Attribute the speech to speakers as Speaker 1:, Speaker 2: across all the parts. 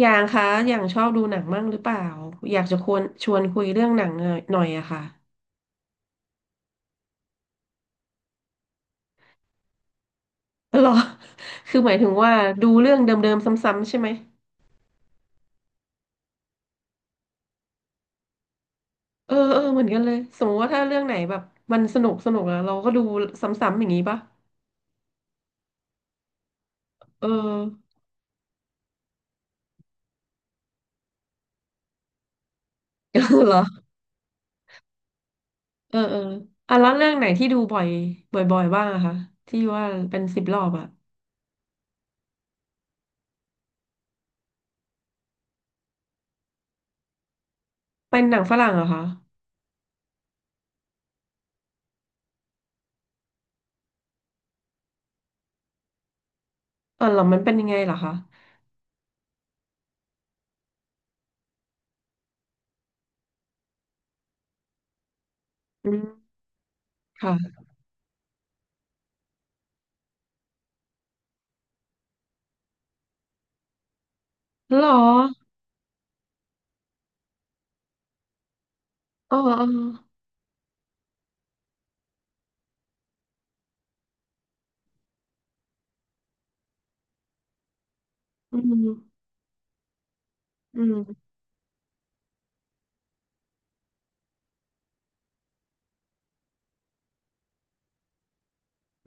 Speaker 1: อย่างคะอย่างชอบดูหนังมั่งหรือเปล่าอยากจะควรชวนคุยเรื่องหนังหน่อยหน่อยอะค่ะ หรอ คือหมายถึงว่าดูเรื่องเดิมๆซ้ำๆใช่ไหมเออเออเหมือนกันเลยสมมติว่าถ้าเรื่องไหนแบบมันสนุกสนุกอะเราก็ดูซ้ำๆอย่างนี้ปะเออ เหรอเออเอออ่ะแล้วเรื่องไหนที่ดูบ่อยบ่อยๆบ้างอะคะที่ว่าเป็นสิบรอบอะเป็นหนังฝรั่งเหรอคะเออเหรอมันเป็นยังไงเหรอคะอืมค่ะเหรออ๋ออ๋ออืมอืม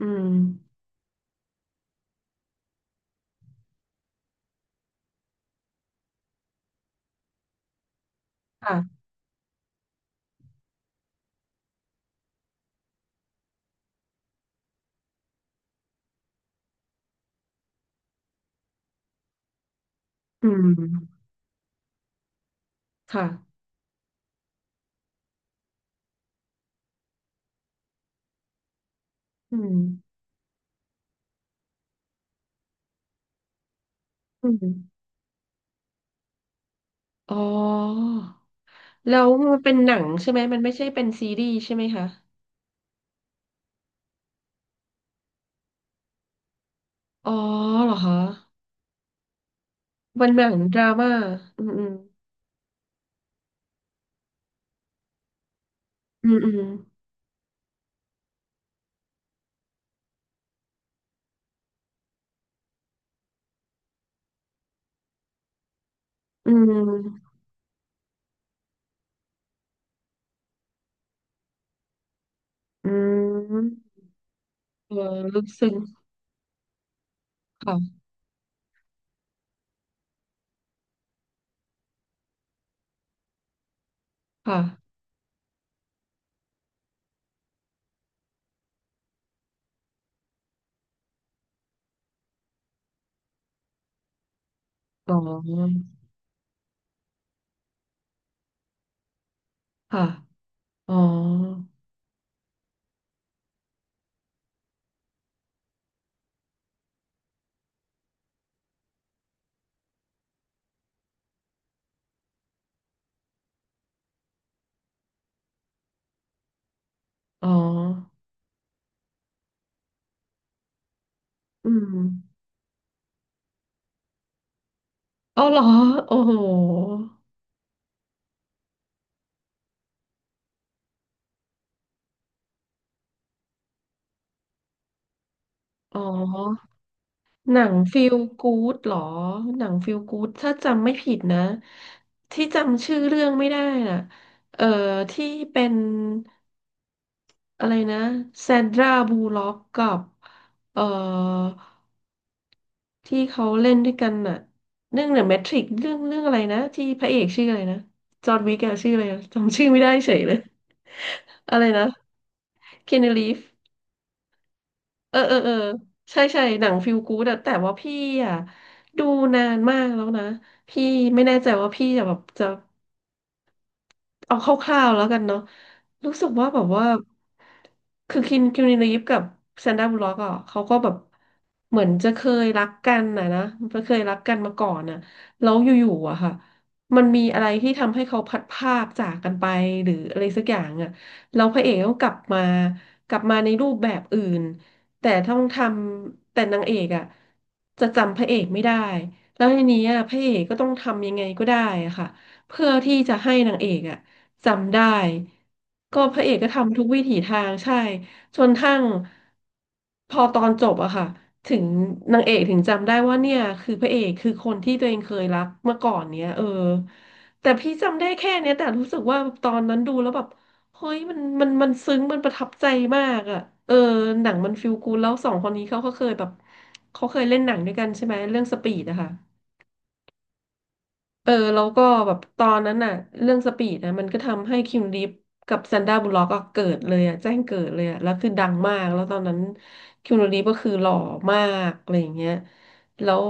Speaker 1: อืม ค่ะอืมค่ะอืมอืมอ๋อแล้วมันเป็นหนังใช่ไหมมันไม่ใช่เป็นซีรีส์ใช่ไหมคะอ๋อเหรอคะมันหนังดราม่าอืมอืมอืมอืมอืมอืมเออลึกซึ้งค่ะค่ะอ๋อค่ะอ๋ออ๋ออืมอ๋อเหรอโอ้โหอ๋อ หนังฟ e ลกู o ดหรอหนังฟ e ลกู o ดถ้าจำไม่ผิดนะที่จำชื่อเรื่องไม่ได้น่ะเอ่อที่เป็นอะไรนะแซนดราบูล็อกกับเอ่อที่เขาเล่นด้วยกันน่ะเรื่องเดอะแมทริกเรื่องอะไรนะที่พระเอกชื่ออะไรนะจอห์นวิกอะชื่ออะไรอะจำชื่อไม่ได้เฉยเลย อะไรนะคีนูรีฟ เออเออเออใช่ใช่หนังฟิลกู๊ดอะแต่ว่าพี่อะดูนานมากแล้วนะพี่ไม่แน่ใจว่าพี่จะแบบจะ เอาคร่าวๆแล้วกันเนาะรู้สึกว่าแบบว่าคือคิมรีฟกับแซนดราบูลล็อกอ่ะเขาก็แบบเหมือนจะเคยรักกันนะนะเคยรักกันมาก่อนน่ะแล้วอยู่ๆอะค่ะมันมีอะไรที่ทำให้เขาพัดภาคจากกันไปหรืออะไรสักอย่างอะแล้วพระเอกก็กลับมากลับมาในรูปแบบอื่น แต่ต้องทำแต่นางเอกอะจะจำพระเอกไม่ได้ แล้วทีนี้อะพระเอกก็ต้องทำยังไงก็ได้อะค่ะเพื่อที่จะให้นางเอกอะ จำได้ก็พระเอกก็ทำทุกวิถีทางใช่ จนทั้งพอตอนจบอะค่ะถึงนางเอกถึงจำได้ว่าเนี่ยคือพระเอกคือคนที่ตัวเองเคยรักเมื่อก่อนเนี้ยเออแต่พี่จำได้แค่เนี้ยแต่รู้สึกว่าตอนนั้นดูแล้วแบบเฮ้ยมันซึ้งมันประทับใจมากอะเออหนังมันฟีลกูดแล้วสองคนนี้เขาก็เคยแบบเขาเคยเล่นหนังด้วยกันใช่ไหมเรื่องสปีดอะค่ะ เออแล้วก็แบบตอนนั้นน่ะเรื่องสปีดนะมันก็ทำให้คิมลีฟกับแซนด้าบุลล็อกก็เกิดเลยอ่ะแจ้งเกิดเลยอ่ะแล้วคือดังมากแล้วตอนนั้นคิมลีฟก็คือหล่อมากอะไรอย่างเงี้ยแล้ว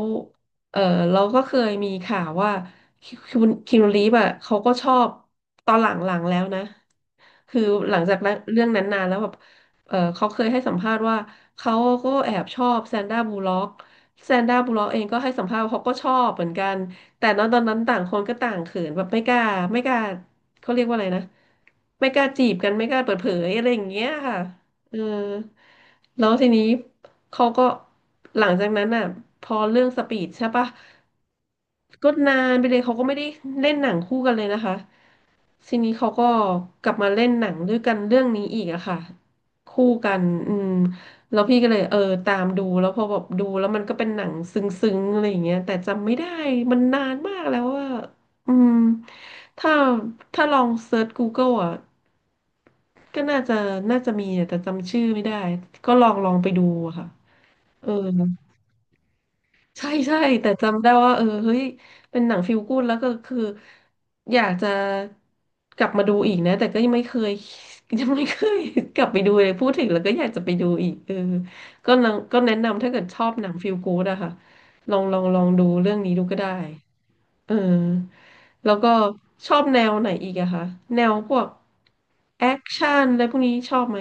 Speaker 1: เออเราก็เคยมีข่าวว่าคิมคิมลีฟอ่ะเขาก็ชอบตอนหลังๆแล้วนะคือหลังจากนั้นเรื่องนั้นนานแล้วแบบเออเขาเคยให้สัมภาษณ์ว่าเขาก็แอบชอบแซนด้าบูลล็อกแซนด้าบูลล็อกเองก็ให้สัมภาษณ์ว่าเขาก็ชอบเหมือนกัน แต่ตอนนั้นต่างคนก็ต่างเขินแบบไม่กล้าไม่กล้าเขาเรียกว่าอะไรนะไม่กล้าจีบกันไม่กล้าเปิดเผยอะไรอย่างเงี้ยค่ะเออแล้วทีนี้เขาก็หลังจากนั้นอ่ะพอเรื่องสปีดใช่ปะก็นานไปเลยเขาก็ไม่ได้เล่นหนังคู่กันเลยนะคะทีนี้เขาก็กลับมาเล่นหนังด้วยกันเรื่องนี้อีกอะค่ะคู่กันอืม แล้วพี่ก็เลยเออตามดูแล้วพอแบบดูแล้วมันก็เป็นหนังซึ้งๆอะไรอย่างเงี้ยแต่จำไม่ได้มันนานมากแล้วว่าอืมถ้าถ้าลองเซิร์ช Google อ่ะก็น่าจะมีอะแต่จำชื่อไม่ได้ก็ลองไปดูอะค่ะเออ ใช่ใช่แต่จำได้ว่าเออเฮ้ยเป็นหนังฟีลกู๊ดแล้วก็คืออยากจะกลับมาดูอีกนะแต่ก็ยังไม่เคย ยังไม่เคย กลับไปดูเลยพูดถึงแล้วก็อยากจะไปดูอีกเออก็นังก็แนะนำถ้าเกิดชอบหนังฟีลกู๊ดอะค่ะลองลองดูเรื่องนี้ดูก็ได้เออแล้วก็ชอบแนวไหนอีกอะคะแนวพวกแอคชั่นอะไรพวกนี้ชอบไหม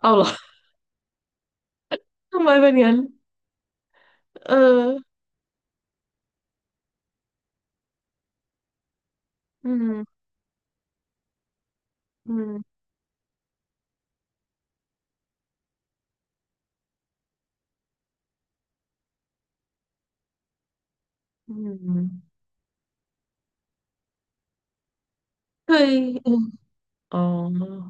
Speaker 1: เอาเหรอ ทำไมเป็นงั้นเอออืมอืมอืมเคย อ๋อ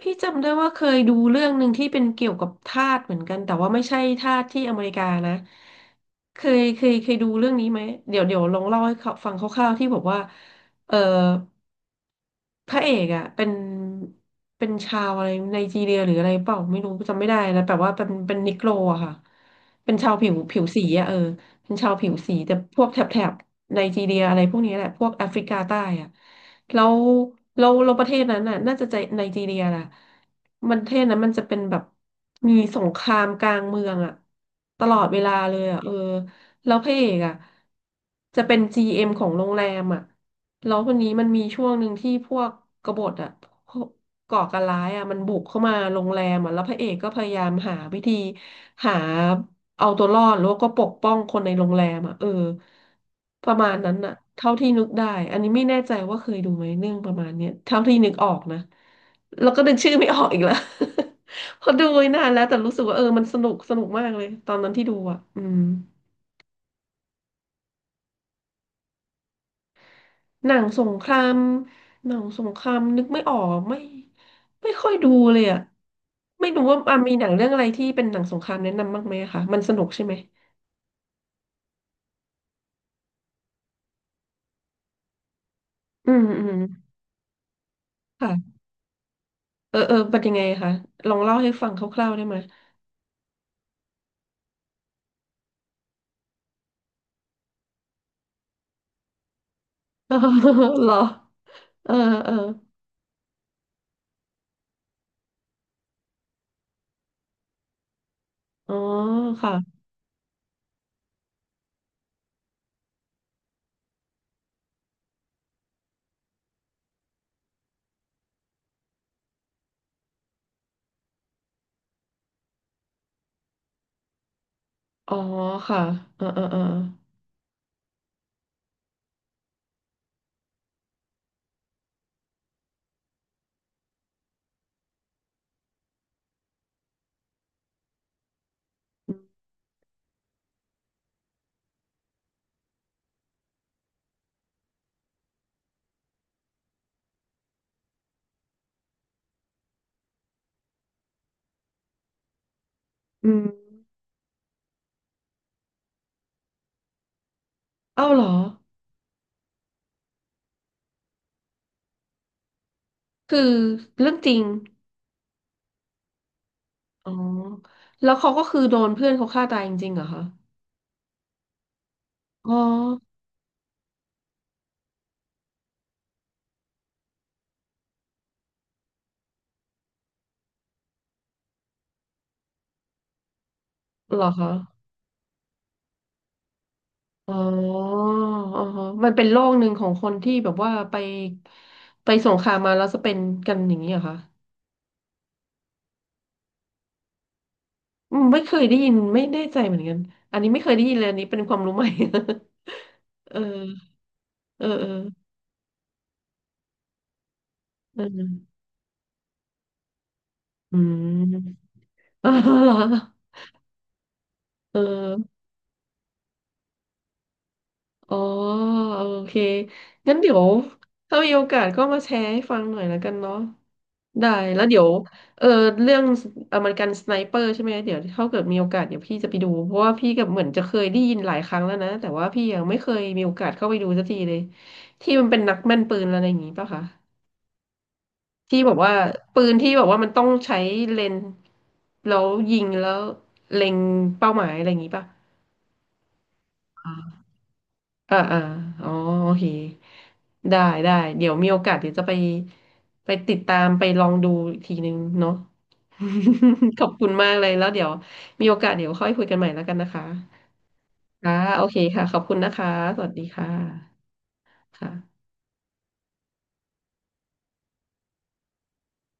Speaker 1: พี่จำได้ว่าเคยดูเรื่องหนึ่งที่เป็นเกี่ยวกับทาสเหมือนกันแต่ว่าไม่ใช่ทาสที่อเมริกานะเคยดูเรื่องนี้ไหมเดี๋ยวลองเล่าให้เขาฟังคร่าวๆที่บอกว่าเออ พระเอกอ่ะเป็นชาวอะไรไนจีเรียหรืออะไรเปล่าไม่รู้จำไม่ได้นะแต่ว่าเป็นนิโกรอะค่ะเป็นชาวผิวสีอะเออเป็นชาวผิวสีแต่พวกแถบไนจีเรียอะไรพวกนี้แหละพวกแอฟริกาใต้อ่ะแล้วประเทศนั้นน่ะน่าจะใจไนจีเรียแหละมันประเทศนั้นมันจะเป็นแบบมีสงครามกลางเมืองอ่ะตลอดเวลาเลยอ่ะเออแล้วพระเอกอ่ะจะเป็น GM ของโรงแรมอ่ะ แล้วคนนี้มันมีช่วงหนึ่งที่พวกกบฏอะพวกก่อการร้ายอะมันบุกเข้ามาโรงแรมอะแล้วพระเอกก็พยายามหาวิธีหาเอาตัวรอดแล้วก็ปกป้องคนในโรงแรมอะเออประมาณนั้นอะเท่าที่นึกได้อันนี้ไม่แน่ใจว่าเคยดูไหมเรื่องประมาณเนี้ยเท่าที่นึกออกนะแล้วก็นึกชื่อไม่ออกอีกแล้ว เพอดูไว้นานแล้วแต่รู้สึกว่าเออมันสนุกมากเลยตอนนั้นที่ดูอะอืม หนังสงครามหนังสงครามนึกไม่ออกไม่ค่อยดูเลยอ่ะไม่รู้ว่าอ่ะมีหนังเรื่องอะไรที่เป็นหนังสงครามแนะนำบ้างไหมอะคะมันสนุกใช่ไหมอืมอืมค่ะเออเออเป็นยังไงคะลองเล่าให้ฟังคร่าวๆได้ไหม เหรอเออเอออ๋อค่ะอ๋อค่ะเออเออเอออืมเอ้าเหรอคือเรื่องจริงอ๋อแล้วเขาก็คือโดนเพื่อนเขาฆ่าตายจริงๆเหรอคะอ๋อเหรอคะ อ๋ออ๋อฮะมันเป็นโรคหนึ่งของคนที่แบบว่าไปสงครามมาแล้วจะเป็นกันอย่างนี้เหรอคะอืมไม่เคยได้ยินไม่แน่ใจเหมือนกัน อันนี้ไม่เคยได้ยินเลยอันนี้เป็นความรู้ใหม่ เออเออเออเอออืม เออเหรอเออ อ๋อโอเคงั้นเดี๋ยวถ้ามีโอกาสก็มาแชร์ให้ฟังหน่อยแล้วกันเนาะได้แล้วเดี๋ยวเออเรื่องอเมริกันสไนเปอร์ใช่ไหมเดี๋ยวถ้าเกิดมีโอกาสเดี๋ยวพี่จะไปดูเพราะว่าพี่กับเหมือนจะเคยได้ยินหลายครั้งแล้วนะแต่ว่าพี่ยังไม่เคยมีโอกาสเข้าไปดูสักทีเลยที่มันเป็นนักแม่นปืนอะไรอย่างงี้ป่ะคะที่บอกว่าปืนที่บอกว่ามันต้องใช้เลนส์แล้วยิงแล้วเล็งเป้าหมายอะไรอย่างงี้ป่ะ อ่าอ่าอ๋อโอเคได้ได้เดี๋ยวมีโอกาสเดี๋ยวจะไปติดตามไปลองดูอีกทีนึงเนาะ ขอบคุณมากเลยแล้วเดี๋ยวมีโอกาสเดี๋ยวค่อยคุยกันใหม่แล้วกันนะคะค่ะโอเคค่ะขอบคุณนะคะสวัสดีค่ะค่ะ